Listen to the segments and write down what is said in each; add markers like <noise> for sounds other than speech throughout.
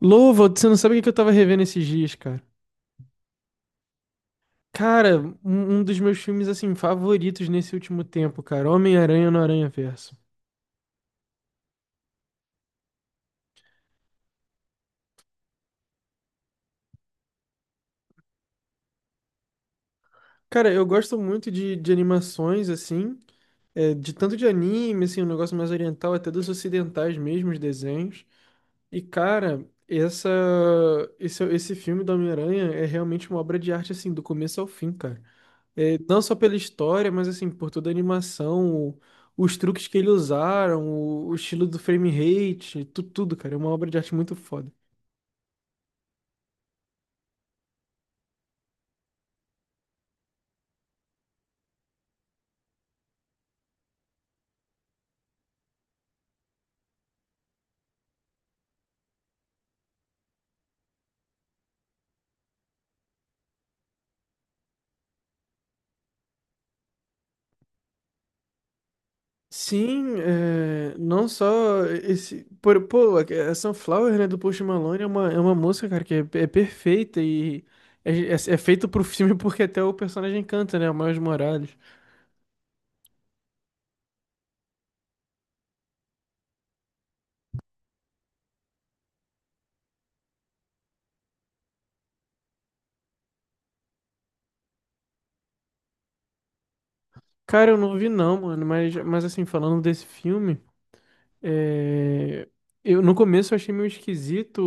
Louva, você não sabe o que eu tava revendo esses dias, cara. Cara, um dos meus filmes, assim, favoritos nesse último tempo, cara. Homem-Aranha no Aranha-Verso. Cara, eu gosto muito de animações, assim, de tanto de anime, assim, um negócio mais oriental, até dos ocidentais mesmo, os desenhos. E, cara, esse filme do Homem-Aranha é realmente uma obra de arte, assim, do começo ao fim, cara. É, não só pela história, mas assim, por toda a animação, os truques que eles usaram, o estilo do frame rate, tudo, cara. É uma obra de arte muito foda. Sim, é, não só esse. Pô, a Sunflower, né, do Post Malone é uma moça, cara, que é perfeita e é feito pro filme <laughs> porque até o personagem canta, né? O Miles Morales. Cara, eu não vi não, mano, mas assim, falando desse filme. É, Eu, no começo eu achei meio esquisito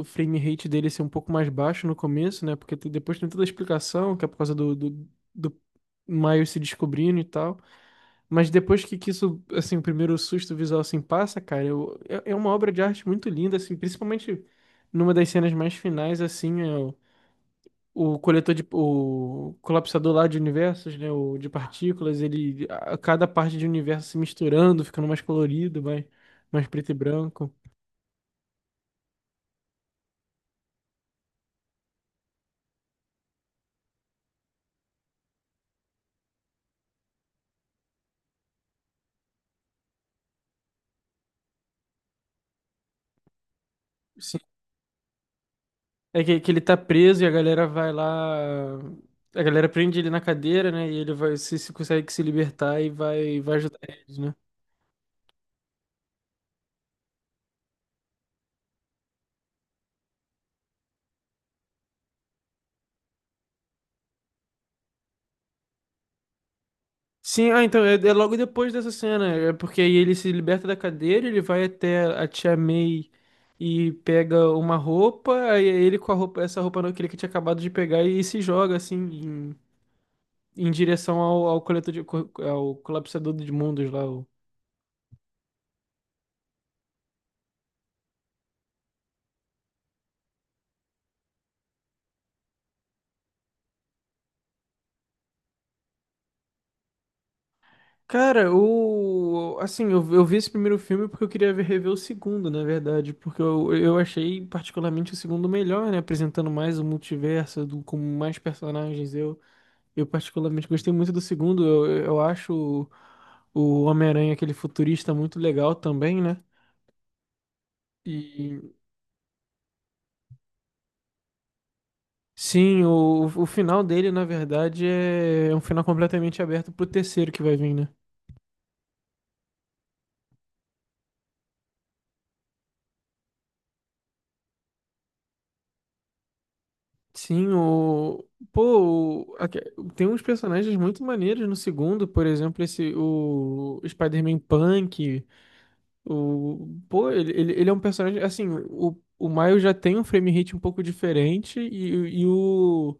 o frame rate dele ser um pouco mais baixo no começo, né? Porque depois tem toda a explicação, que é por causa do Miles se descobrindo e tal. Mas depois que isso, assim, o primeiro susto visual assim passa, cara, é uma obra de arte muito linda, assim, principalmente numa das cenas mais finais, assim, o coletor de o colapsador lá de universos, né, o de partículas, ele a cada parte de universo se misturando, ficando mais colorido, mais mais preto e branco. Sim. É que ele tá preso e a galera vai lá, a galera prende ele na cadeira, né, e ele vai se consegue se libertar e vai ajudar eles, né? Sim, ah, então é, é logo depois dessa cena, é porque aí ele se liberta da cadeira, ele vai até a tia May e pega uma roupa, aí ele com a roupa, essa roupa que ele tinha acabado de pegar e se joga assim em, em direção ao, ao coletor de, ao colapsador de mundos lá. Cara, o assim, eu vi esse primeiro filme porque eu queria rever o segundo, na verdade, porque eu achei particularmente o segundo melhor, né, apresentando mais o multiverso do, com mais personagens. Eu particularmente gostei muito do segundo. Eu acho o Homem-Aranha, aquele futurista, muito legal também, né? E sim, o final dele, na verdade, é é um final completamente aberto pro terceiro que vai vir, né? Sim, o. Pô, tem uns personagens muito maneiros no segundo, por exemplo, esse o Spider-Man Punk. O, pô, ele é um personagem. Assim, o Miles já tem um frame rate um pouco diferente e o.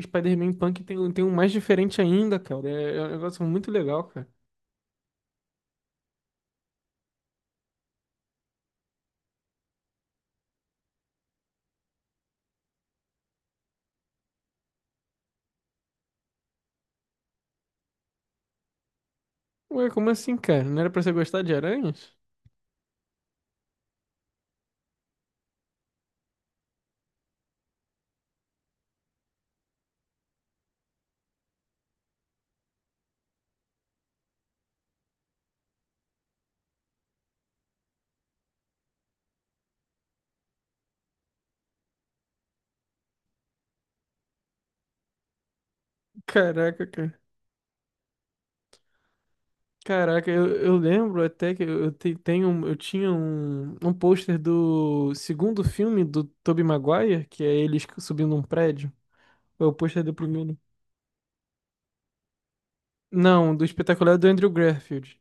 Spider-Man Punk tem, tem um mais diferente ainda, cara. É, é um negócio muito legal, cara. Ué, como assim, cara? Não era pra você gostar de aranhas? Caraca, cara. Caraca, eu lembro até que tenho, eu tinha um pôster do segundo filme do Tobey Maguire, que é ele subindo um prédio. É o pôster do primeiro. Não, do espetacular do Andrew Garfield.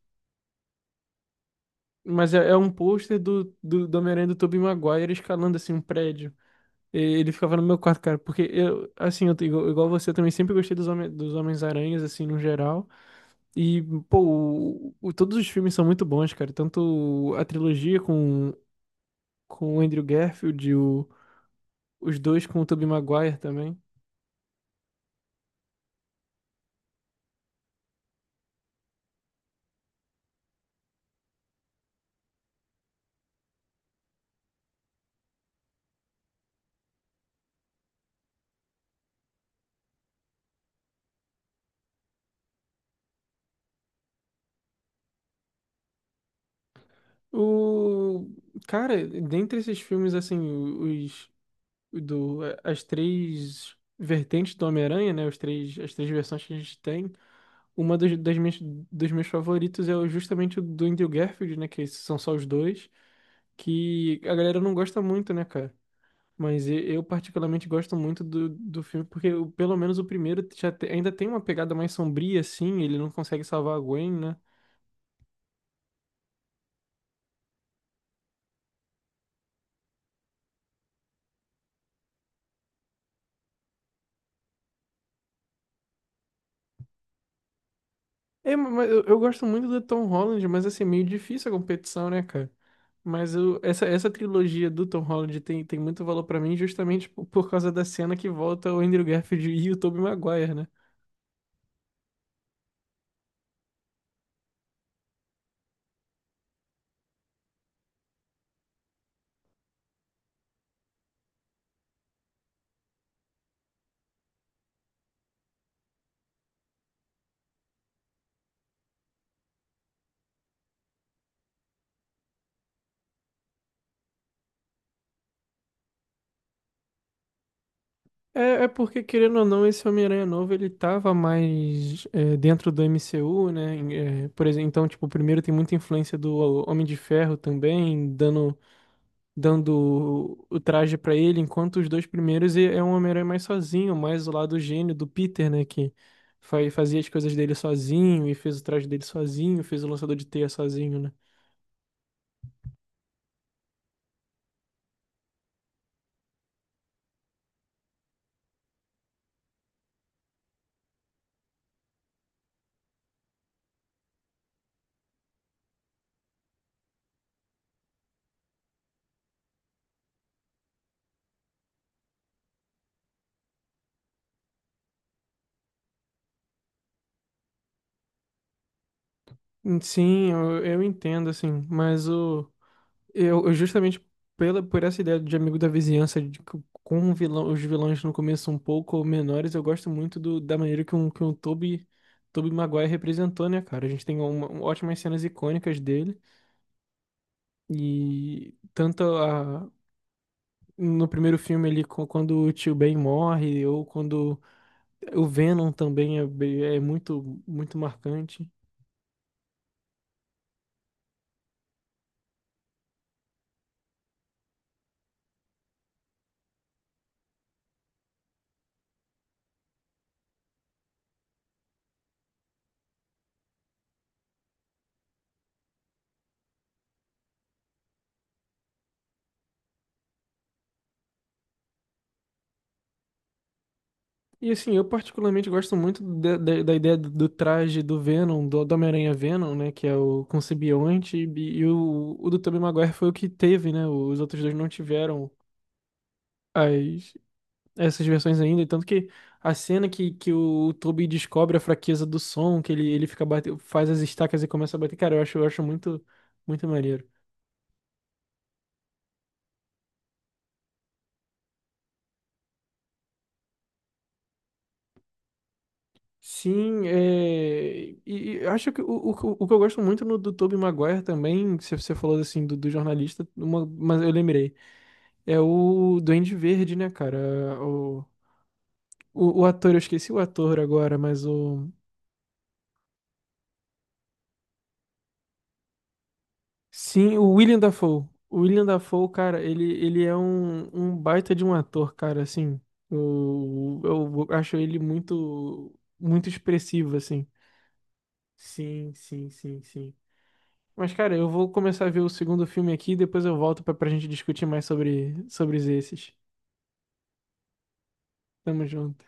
Mas é, é um pôster do Homem-Aranha do Tobey Maguire escalando assim um prédio. E ele ficava no meu quarto, cara, porque igual você, eu também sempre gostei dos Homens-Aranhas, assim, no geral. E, pô, todos os filmes são muito bons, cara. Tanto a trilogia com o Andrew Garfield, e o, os dois com o Tobey Maguire também. O, cara, dentre esses filmes, assim, do as três vertentes do Homem-Aranha, né? As três versões que a gente tem. Uma das minhas, dos meus favoritos é justamente o do Andrew Garfield, né? Que são só os dois, que a galera não gosta muito, né, cara? Mas eu particularmente gosto muito do filme, porque pelo menos o primeiro ainda tem uma pegada mais sombria, assim, ele não consegue salvar a Gwen, né? É, mas eu gosto muito do Tom Holland, mas assim, é meio difícil a competição, né, cara? Essa trilogia do Tom Holland tem, tem muito valor pra mim justamente por causa da cena que volta o Andrew Garfield e o Tobey Maguire, né? É, é porque, querendo ou não, esse Homem-Aranha novo, ele tava mais é, dentro do MCU, né? É, por exemplo, então, tipo, o primeiro tem muita influência do Homem de Ferro também, dando o traje pra ele, enquanto os dois primeiros é é um Homem-Aranha mais sozinho, mais o lado gênio do Peter, né, que fazia as coisas dele sozinho e fez o traje dele sozinho, fez o lançador de teia sozinho, né? Sim, eu entendo, assim, mas o, eu justamente pela, por essa ideia de amigo da vizinhança, de, que com o vilão, os vilões no começo um pouco menores, eu gosto muito da maneira que um, Tobey Maguire representou, né, cara? A gente tem ótimas cenas icônicas dele, e tanto no primeiro filme ali, quando o tio Ben morre, ou quando o Venom também é, é muito, muito marcante. E assim, eu particularmente gosto muito da ideia do traje do Venom, do Homem-Aranha Venom, né? Que é o com simbionte, e o do Tobey Maguire foi o que teve, né? Os outros dois não tiveram as, essas versões ainda, e tanto que a cena que o Toby descobre a fraqueza do som, que ele fica bate, faz as estacas e começa a bater, cara, eu acho muito, muito maneiro. Sim, é, e acho que o que eu gosto muito no, do Tobey Maguire também, que você falou assim do jornalista, mas eu lembrei, é o Duende Verde, né, cara? O, o ator, eu esqueci o ator agora, mas o sim, o William Dafoe. O William Dafoe, cara, ele é um, um baita de um ator, cara, assim. Eu acho ele muito, muito expressivo, assim. Sim, sim, sim, sim. Mas, cara, eu vou começar a ver o segundo filme aqui e depois eu volto pra, pra gente discutir mais sobre, sobre esses. Tamo junto.